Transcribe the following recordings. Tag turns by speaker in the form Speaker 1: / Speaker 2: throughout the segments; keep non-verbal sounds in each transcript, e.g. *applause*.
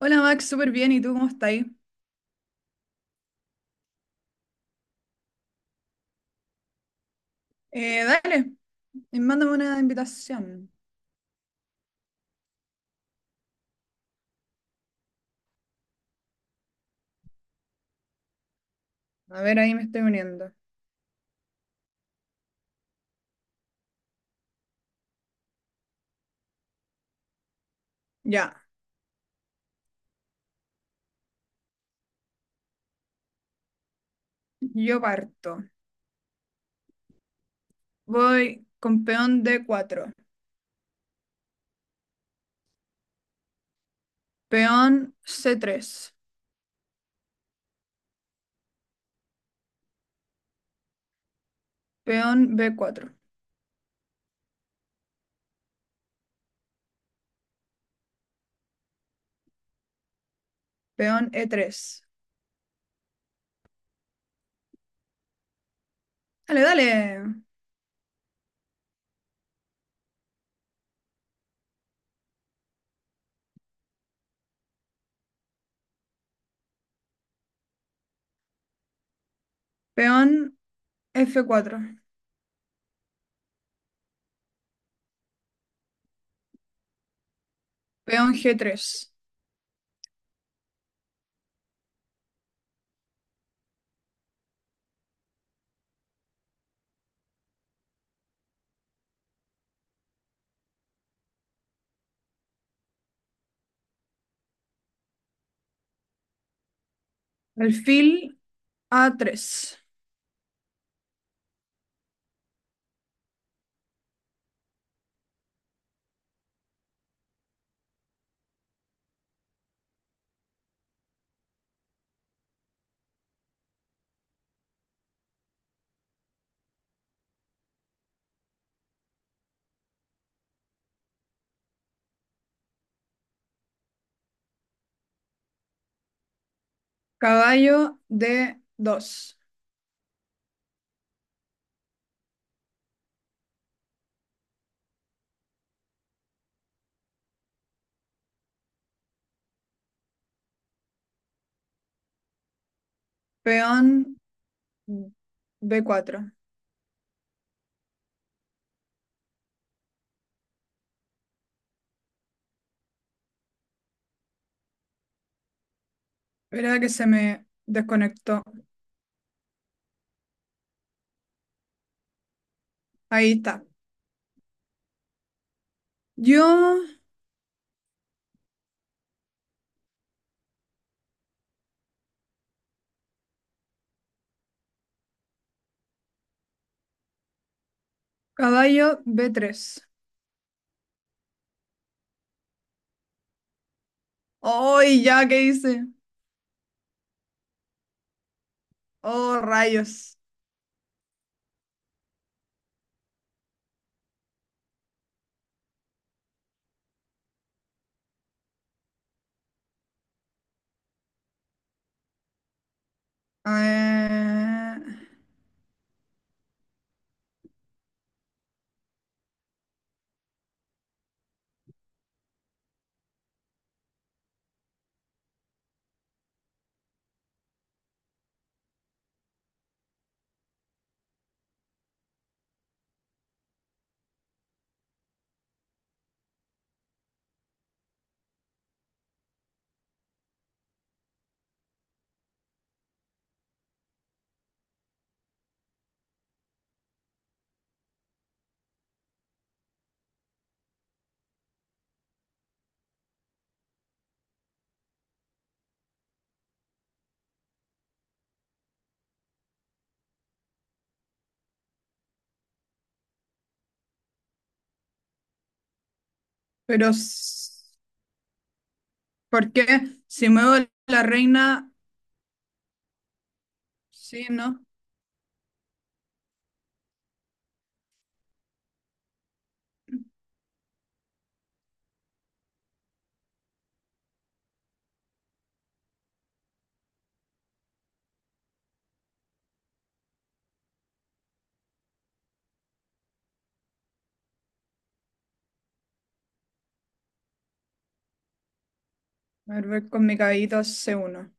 Speaker 1: Hola Max, súper bien. ¿Y tú cómo estás ahí? Dale, y mándame una invitación. A ver, ahí me estoy uniendo. Ya, yo parto. Voy con peón d cuatro, peón c tres, peón b cuatro, peón e tres. Dale, dale. Peón f cuatro, peón g tres, alfil a tres, caballo d dos, peón b cuatro. Espera que se me desconectó. Ahí está. Yo, caballo b tres. ¡Ay, ya! ¿Qué hice? ¡Oh, rayos! Eh, pero, ¿por qué? Si muevo la reina, sí, ¿no? A ver, voy con mi caballito a c uno.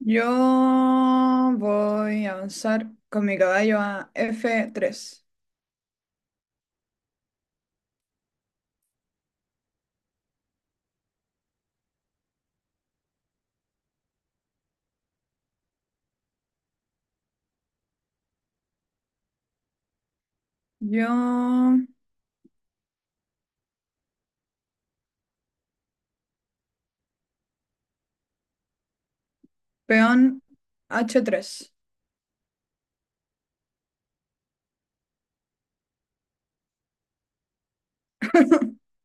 Speaker 1: Yo voy a avanzar con mi caballo a f tres. Yo, peón h tres. *laughs*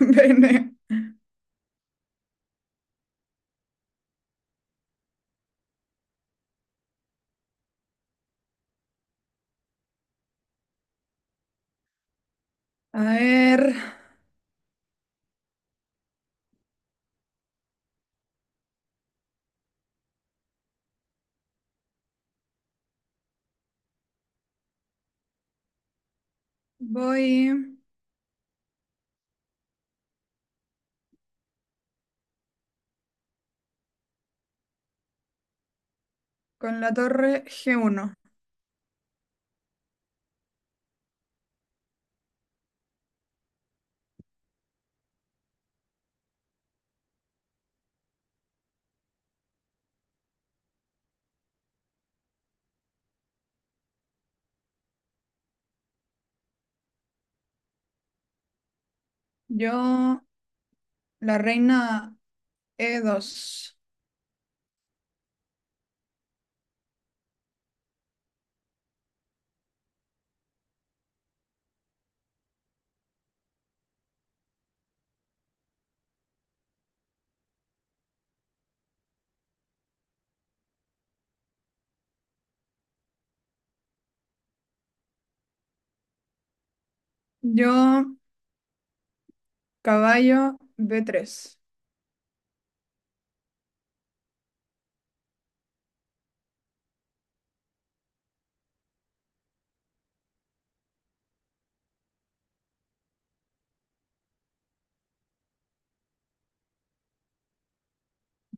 Speaker 1: Bene. A ver, voy con la torre g uno. Yo, la reina e dos. Yo, caballo b tres.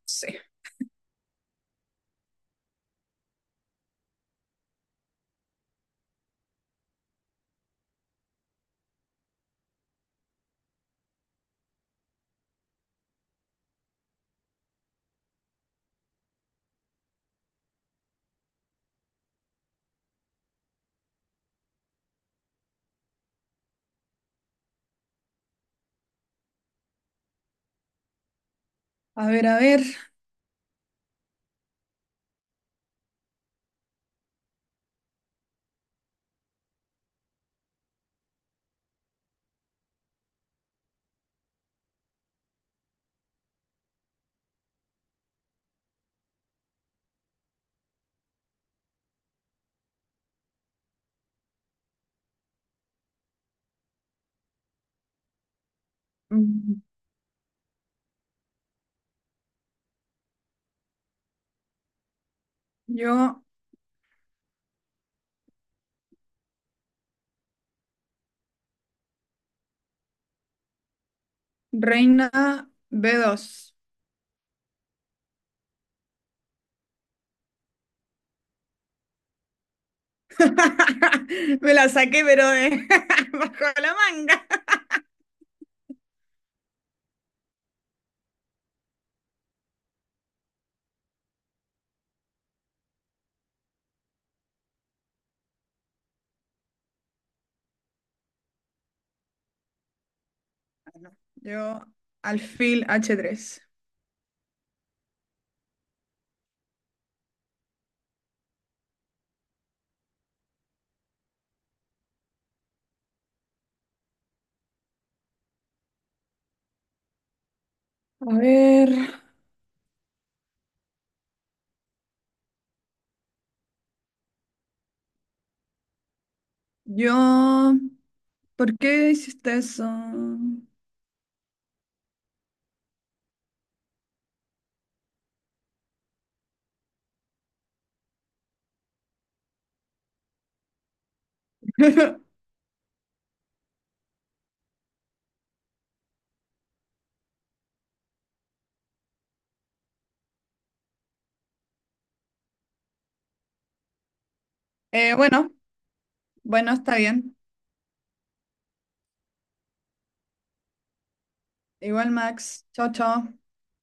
Speaker 1: Sí. A ver, a ver. Mm, Yo, reina b dos. *laughs* Me la saqué, pero de *laughs* bajo la manga. Yo, alfil h tres. A ver, yo... ¿Por qué hiciste eso? *laughs* Bueno, bueno, está bien. Igual, Max. Chao, chao.